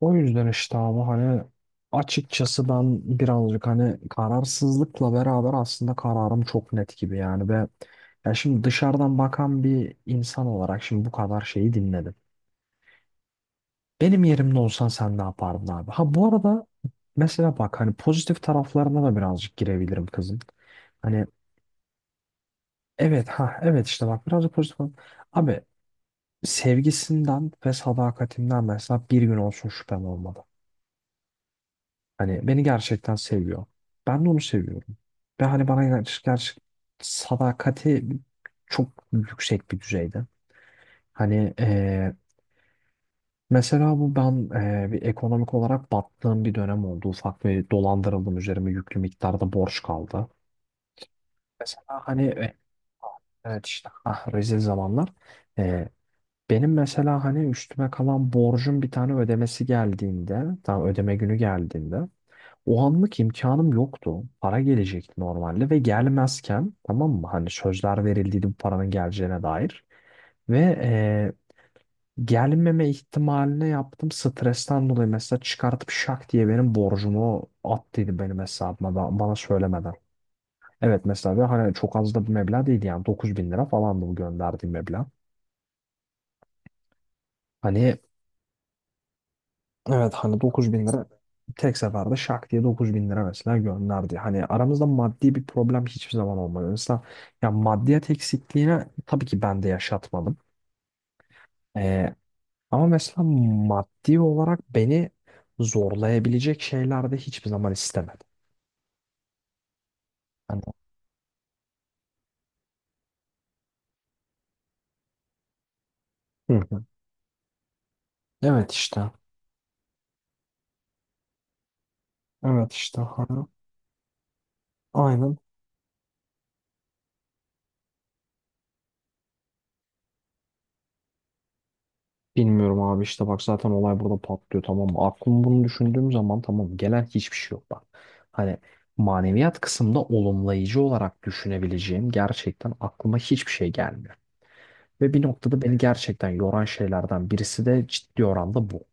O yüzden işte abi hani açıkçası ben birazcık hani kararsızlıkla beraber aslında kararım çok net gibi yani ve ya şimdi dışarıdan bakan bir insan olarak şimdi bu kadar şeyi dinledim. Benim yerimde olsan sen ne yapardın abi? Ha bu arada mesela bak hani pozitif taraflarına da birazcık girebilirim kızın. Hani evet ha evet işte bak birazcık pozitif. Abi sevgisinden ve sadakatinden mesela bir gün olsun şüphem olmadı. Hani beni gerçekten seviyor. Ben de onu seviyorum. Ve hani bana gerçek, gerçek sadakati çok yüksek bir düzeyde. Hani mesela bu ben bir ekonomik olarak battığım bir dönem oldu. Ufak bir dolandırıldım, üzerime yüklü miktarda borç kaldı. Mesela hani evet işte rezil zamanlar. Eee, benim mesela hani üstüme kalan borcun bir tane ödemesi geldiğinde, tam ödeme günü geldiğinde o anlık imkanım yoktu. Para gelecekti normalde ve gelmezken, tamam mı? Hani sözler verildiydi bu paranın geleceğine dair. Ve gelmeme ihtimaline yaptım stresten dolayı, mesela çıkartıp şak diye benim borcumu attıydı benim hesabıma ba- bana söylemeden. Evet mesela, ve hani çok az da bir meblağ değildi yani, 9 bin lira falandı bu gönderdiğim meblağ. Hani evet hani 9 bin lira tek seferde şak diye 9 bin lira mesela gönderdi. Hani aramızda maddi bir problem hiçbir zaman olmadı. Mesela ya maddiyat eksikliğine tabii ki ben de yaşatmadım. Ee, ama mesela maddi olarak beni zorlayabilecek şeyler de hiçbir zaman istemedi. Hani, hı hı. Evet işte. Evet işte. Hani, aynen. Bilmiyorum abi, işte bak zaten olay burada patlıyor, tamam mı? Aklım bunu düşündüğüm zaman tamam, gelen hiçbir şey yok bak. Hani maneviyat kısmında olumlayıcı olarak düşünebileceğim gerçekten aklıma hiçbir şey gelmiyor. Ve bir noktada beni gerçekten yoran şeylerden birisi de ciddi oranda bu.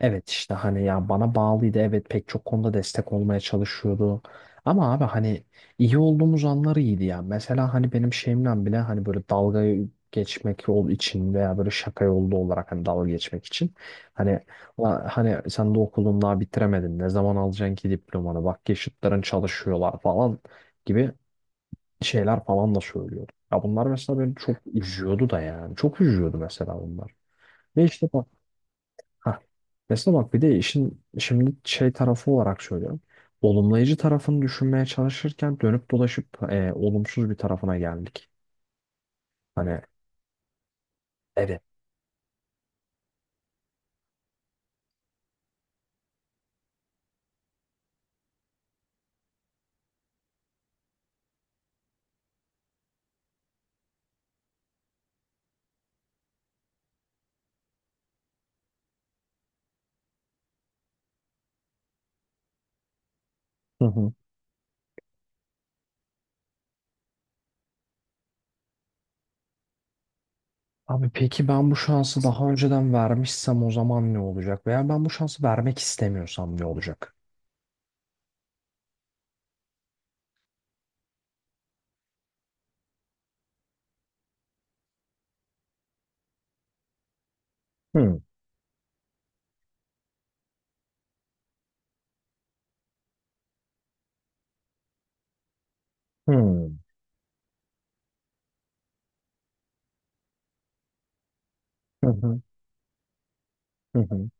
Evet işte hani ya bana bağlıydı, evet pek çok konuda destek olmaya çalışıyordu. Ama abi hani iyi olduğumuz anları iyiydi ya. Mesela hani benim şeyimden bile hani böyle dalga geçmek ol için veya böyle şaka yolu olarak hani dalga geçmek için. Hani "la- hani sen de okulun daha bitiremedin ne zaman alacaksın ki diplomanı, bak yaşıtların çalışıyorlar" falan gibi şeyler falan da söylüyordu. Ya bunlar mesela beni çok üzüyordu da, yani çok üzüyordu mesela bunlar. Ve işte heh. Mesela bak bir de işin şimdi şey tarafı olarak söylüyorum. Olumlayıcı tarafını düşünmeye çalışırken dönüp dolaşıp olumsuz bir tarafına geldik. Hani evet. Hı hı. Abi peki ben bu şansı daha önceden vermişsem o zaman ne olacak? Veya ben bu şansı vermek istemiyorsam ne olacak? Hmm, hmm. Hı hı, hı hı.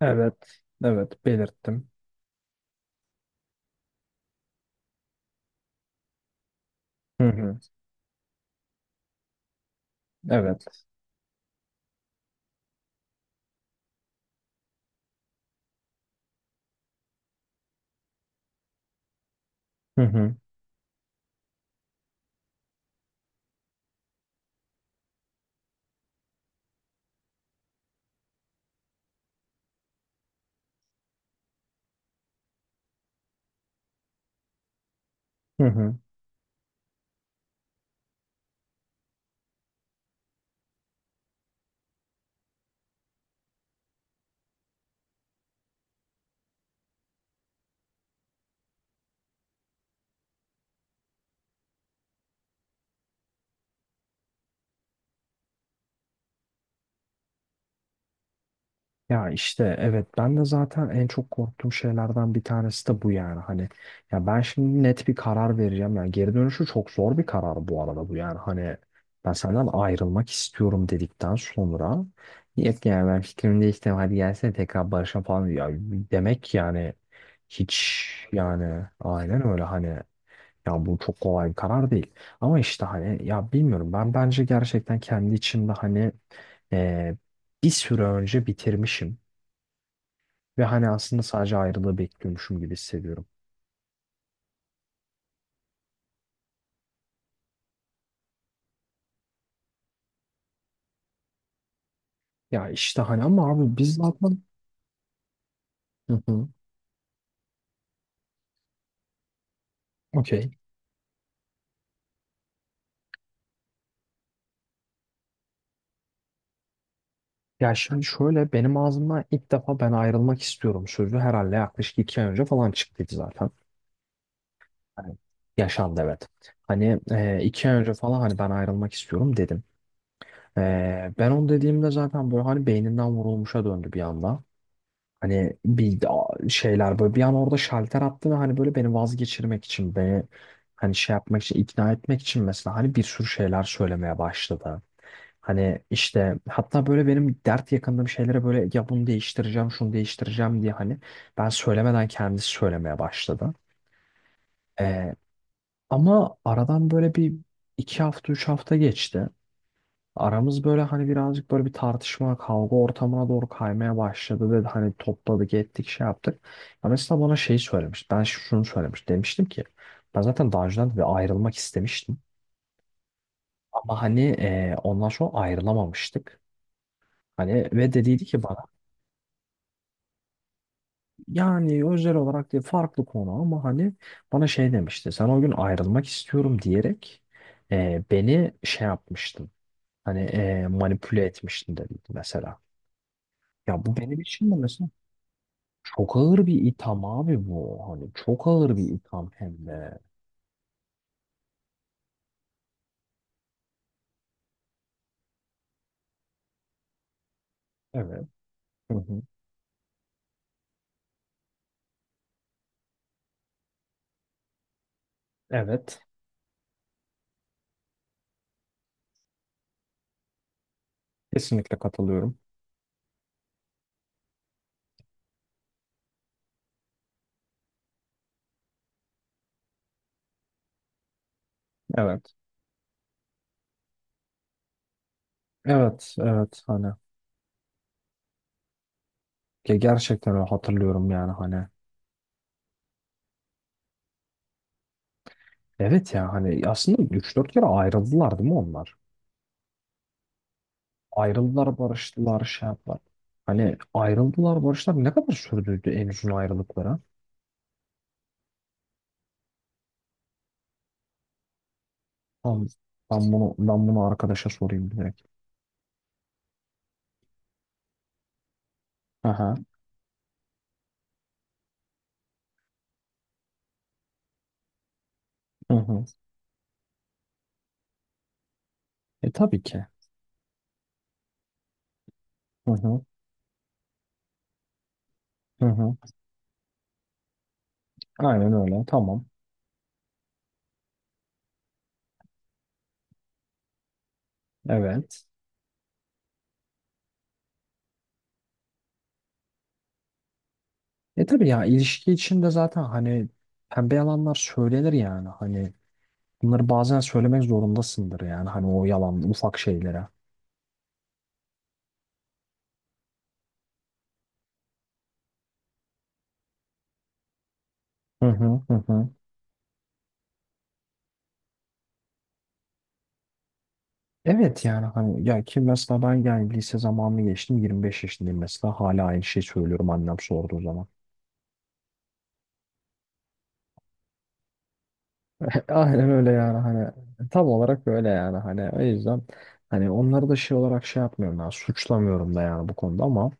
Evet, evet belirttim. Hı hı, evet. Hı hı, hı hı. Ya işte evet, ben de zaten en çok korktuğum şeylerden bir tanesi de bu yani, hani ya ben şimdi net bir karar vereceğim yani, geri dönüşü çok zor bir karar bu arada bu yani, hani ben senden ayrılmak istiyorum dedikten sonra yok yani ben fikrimi değiştirdim, hadi gelsene tekrar barışalım falan ya demek yani hiç yani aynen öyle. Hani ya bu çok kolay bir karar değil, ama işte hani ya bilmiyorum, ben bence gerçekten kendi içimde hani eee, bir süre önce bitirmişim. Ve hani aslında sadece ayrılığı bekliyormuşum gibi hissediyorum. Ya işte hani ama abi biz ne zaten... Hı hı. Okey. Ya şimdi şöyle, benim ağzımdan ilk defa ben ayrılmak istiyorum sözü herhalde yaklaşık iki ay önce falan çıktıydı zaten. Hani yaşandı, evet. Hani iki ay önce falan hani ben ayrılmak istiyorum dedim. E, ben onu dediğimde zaten böyle hani beyninden vurulmuşa döndü bir anda. Hani bir a- şeyler böyle, bir an orada şalter attı ve hani böyle beni vazgeçirmek için beni hani şey yapmak için, ikna etmek için mesela hani bir sürü şeyler söylemeye başladı. Hani işte hatta böyle benim dert yakındığım şeylere böyle ya bunu değiştireceğim şunu değiştireceğim diye hani ben söylemeden kendisi söylemeye başladı. Ee, ama aradan böyle bir iki hafta üç hafta geçti. Aramız böyle hani birazcık böyle bir tartışma, kavga ortamına doğru kaymaya başladı dedi. Hani topladık, ettik, şey yaptık. Ya mesela bana şey söylemiş. Ben ş- şunu söylemiş. Demiştim ki ben zaten daha önceden de bir ayrılmak istemiştim. Ama hani ondan sonra ayrılamamıştık. Hani ve dediydi ki bana yani özel olarak diye farklı konu ama hani bana şey demişti. Sen o gün ayrılmak istiyorum diyerek beni şey yapmıştın. Hani manipüle etmiştin dedi mesela. Ya bu benim için de mesela çok ağır bir itham abi bu. Hani çok ağır bir itham hem de. Evet. Hı hı. Evet. Kesinlikle katılıyorum. Evet. Evet, evet hani ge- gerçekten öyle hatırlıyorum yani hani. Evet ya hani aslında üç dört kere ayrıldılar değil mi onlar? Ayrıldılar, barıştılar, şey yaptılar. Hani ayrıldılar, barıştılar, ne kadar sürdü en uzun ayrılıkları? Tamam. Ben bunu, ben bunu arkadaşa sorayım direkt. Aha. Hı hı. E tabii ki. Hı hı. Hı hı. Aynen öyle. Tamam. Evet. E tabii ya, ilişki içinde zaten hani pembe yalanlar söylenir yani, hani bunları bazen söylemek zorundasındır yani hani, o yalan ufak şeylere. Hı hı, hı hı. Evet yani hani, ya ki mesela ben yani lise zamanını geçtim, 25 yaşındayım mesela, hala aynı şeyi söylüyorum annem sorduğu zaman. Aynen öyle yani hani tam olarak öyle yani hani, o yüzden hani onları da şey olarak şey yapmıyorum yani, suçlamıyorum da yani bu konuda ama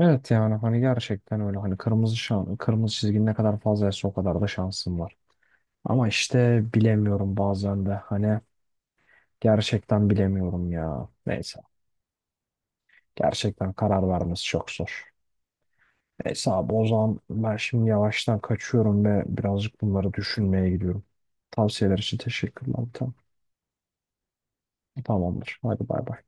evet yani hani gerçekten öyle, hani kırmızı şan, kırmızı çizgi ne kadar fazlaysa o kadar da şansım var. Ama işte bilemiyorum bazen de. Hani gerçekten bilemiyorum ya. Neyse. Gerçekten karar vermesi çok zor. Neyse abi, o zaman ben şimdi yavaştan kaçıyorum ve birazcık bunları düşünmeye gidiyorum. Tavsiyeler için teşekkürler. Tamam. Tamamdır. Hadi bay bay.